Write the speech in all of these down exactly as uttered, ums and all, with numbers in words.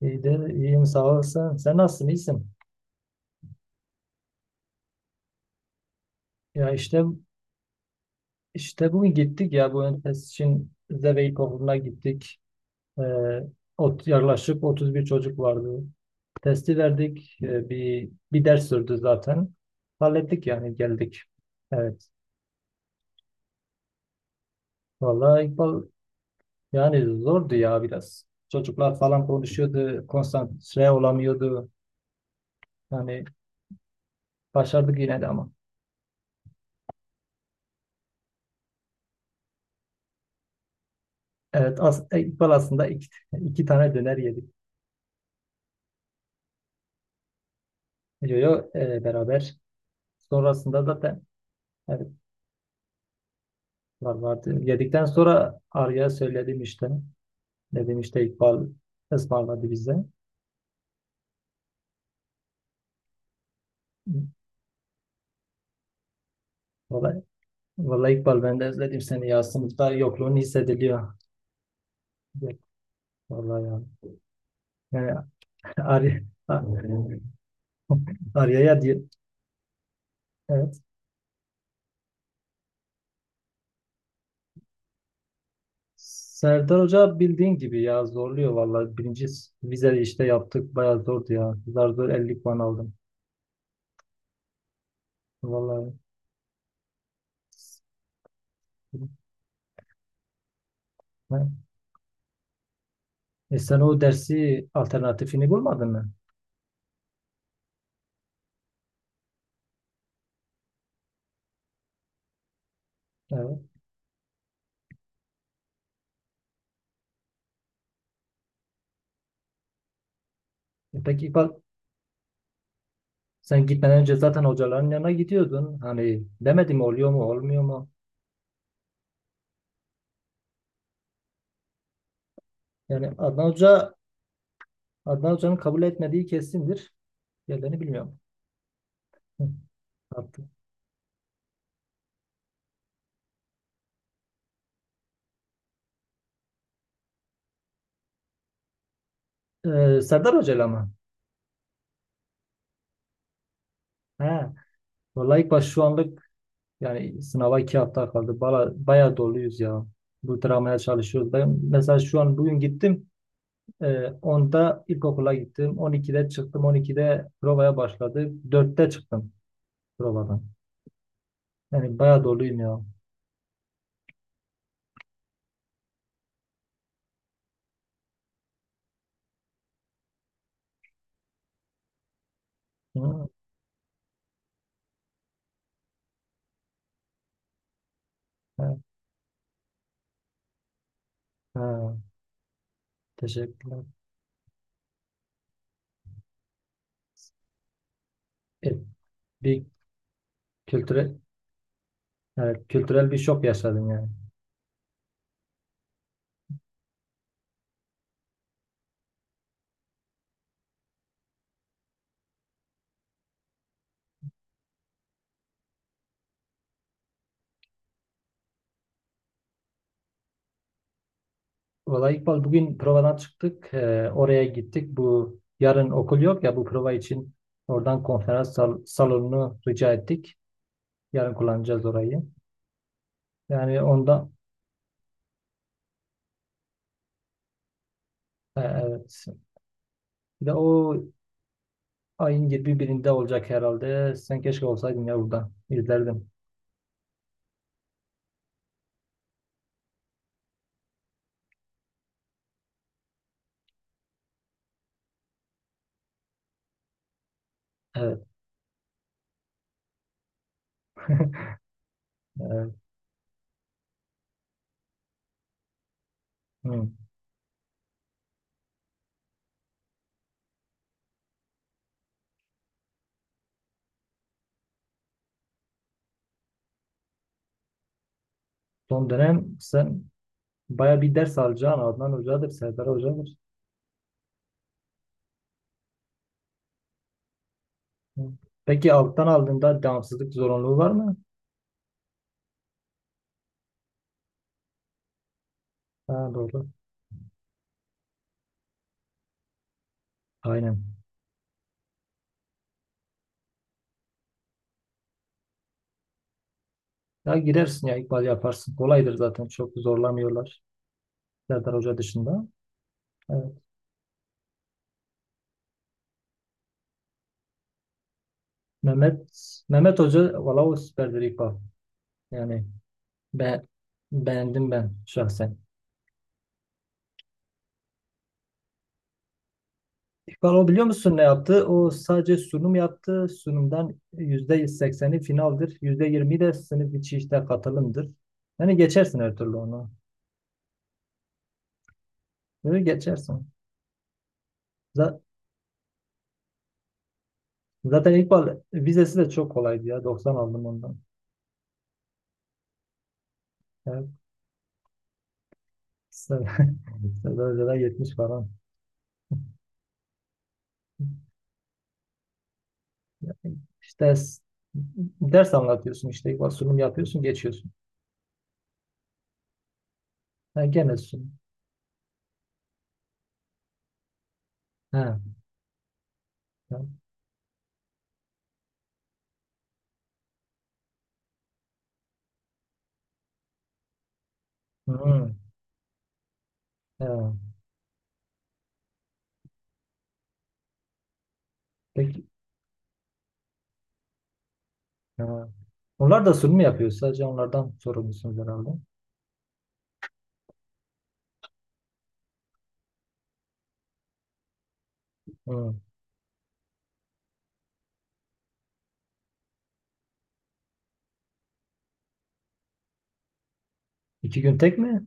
İyidir, iyiyim, sağ olasın. Sen nasılsın, iyisin? Ya işte işte bugün gittik ya bu ön test için Zeveyk okuluna gittik. Ee, ot, yaklaşık otuz bir çocuk vardı. Testi verdik. Ee, bir bir ders sürdü zaten. Hallettik, yani geldik. Evet. Vallahi İkbal, yani zordu ya biraz. Çocuklar falan konuşuyordu, konsantre olamıyordu. Yani başardık yine de ama. Evet, as, İkbal aslında iki, iki tane döner yedik. Yo yo, e, beraber. Sonrasında zaten, evet, var vardı. Yedikten sonra Arya söyledim işte. Dedim işte İkbal ısmarladı bize. Vallahi, vallahi İkbal, ben de özledim seni ya. Sınıfta yokluğun hissediliyor. Evet, vallahi ya. Yani Arya, Arya'ya diye. Evet. Serdar Hoca bildiğin gibi ya, zorluyor vallahi. Birinci vize işte yaptık. Bayağı zordu ya. Zar zor elli puan aldım. Vallahi. E sen o dersi alternatifini bulmadın mı? Evet. E Peki İkbal, sen gitmeden önce zaten hocaların yanına gidiyordun. Hani demedim, oluyor mu olmuyor mu? Yani Adnan Hoca Adnan Hoca'nın kabul etmediği kesindir. Yerlerini bilmiyorum. Hı, artık. Ee, Serdar Hoca'yla mı? He. Vallahi ilk baş şu anlık, yani sınava iki hafta kaldı. Bala, bayağı doluyuz ya. Bu dramaya çalışıyoruz. Ben mesela şu an bugün gittim. Ee, onda ilkokula gittim. on ikide çıktım. on ikide provaya başladı. dörtte çıktım provadan. Yani bayağı doluyum ya. Hı. He. Ha, teşekkürler. E, bir kültürel, evet, kültürel bir şok yaşadın yani. Vallahi İkbal bugün provadan çıktık. E, oraya gittik. Bu yarın okul yok ya, bu prova için oradan konferans sal- salonunu rica ettik. Yarın kullanacağız orayı. Yani onda, e, evet. Bir de o ayın yirmi birinde olacak herhalde. Sen keşke olsaydın ya burada, İzlerdim. Evet. Evet. Hı. Son dönem sen baya bir ders alacaksın. Adnan Hoca'dır, Serdar Hoca'dır. Peki alttan aldığında devamsızlık zorunluluğu var mı? Ha, doğru. Aynen. Ya girersin ya ikbal yaparsın. Kolaydır zaten. Çok zorlamıyorlar. Serdar Hoca dışında. Evet. Mehmet Mehmet Hoca valla o süperdir, ikbal. Yani be, beğendim ben şahsen. İkbal, o biliyor musun ne yaptı? O sadece sunum yaptı. Sunumdan yüzde sekseni finaldir. yüzde yirmisi de sınıf içi işte katılımdır. Yani geçersin her türlü onu. Böyle geçersin. Za- Zaten İkbal vizesi de çok kolaydı ya. doksan aldım ondan. Yani sen, sen de önceden yetmiş falan. Yani işte ders, ders anlatıyorsun işte İkbal, sunum yapıyorsun, geçiyorsun. Ha, gene sunum. Ha. Ha. Hı. Ha. Peki. Ha. Onlar da sunum yapıyor. Sadece onlardan sorumlusunuz herhalde. Hı. İki gün tek mi?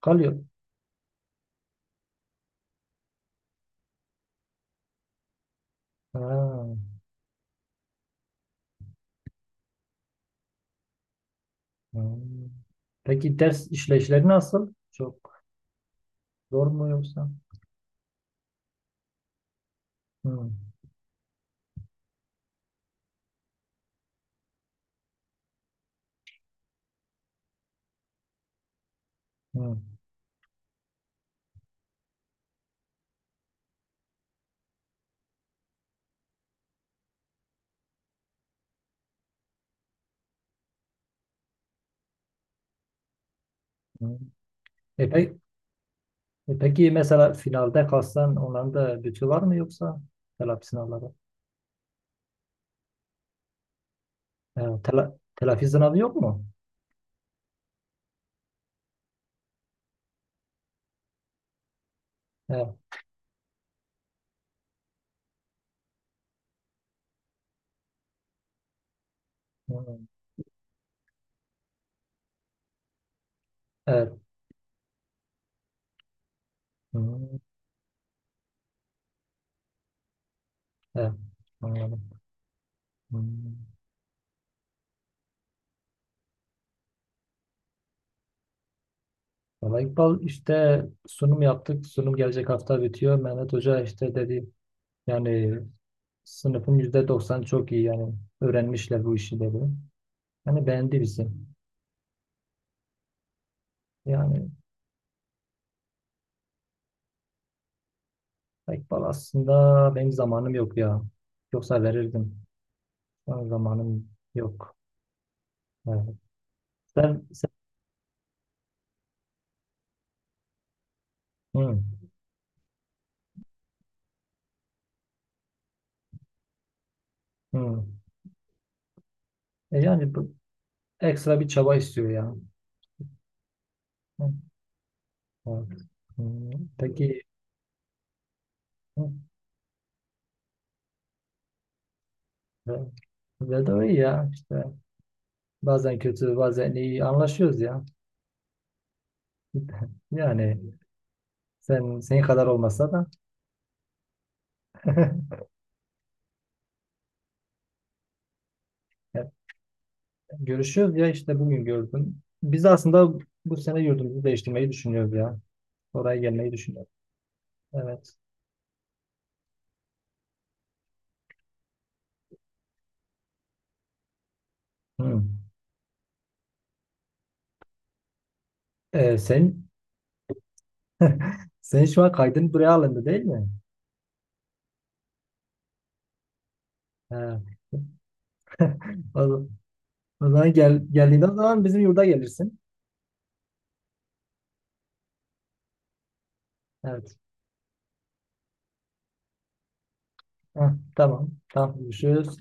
Kalıyor. Ha. Hı. Peki ders işleyişleri nasıl? Çok zor mu yoksa? Hı. Hı. Hı. E, pe- E peki mesela finalde kalsan onların da bütü var mı, yoksa telafi sınavları? E, tela, telafi sınavı yok mu? E, hmm, evet. Hmm, evet. Anladım. Hmm. Valla İkbal işte sunum yaptık. Sunum gelecek hafta bitiyor. Mehmet Hoca işte dedi, yani sınıfın yüzde doksan çok iyi, yani öğrenmişler bu işi dedi. Yani beğendi bizi. Yani İkbal, aslında benim zamanım yok ya. Yoksa verirdim. Ama zamanım yok. Evet. Sen, sen Hı, hı. E yani bu ekstra bir çaba istiyor ya. Hı, evet. Hı, peki hı, ve, ve de o iyi ya işte bazen kötü bazen iyi anlaşıyoruz ya. Yani sen, senin kadar olmasa da, ya, görüşüyoruz ya işte bugün gördüm. Biz aslında bu sene yurdumuzu değiştirmeyi düşünüyoruz ya. Oraya gelmeyi düşünüyoruz. Evet. Hı. E, sen sen şu an kaydın buraya alındı değil mi? Ha. O, O zaman, gel, geldiğinde o zaman bizim yurda gelirsin. Evet. Heh, tamam. Tamam. Görüşürüz.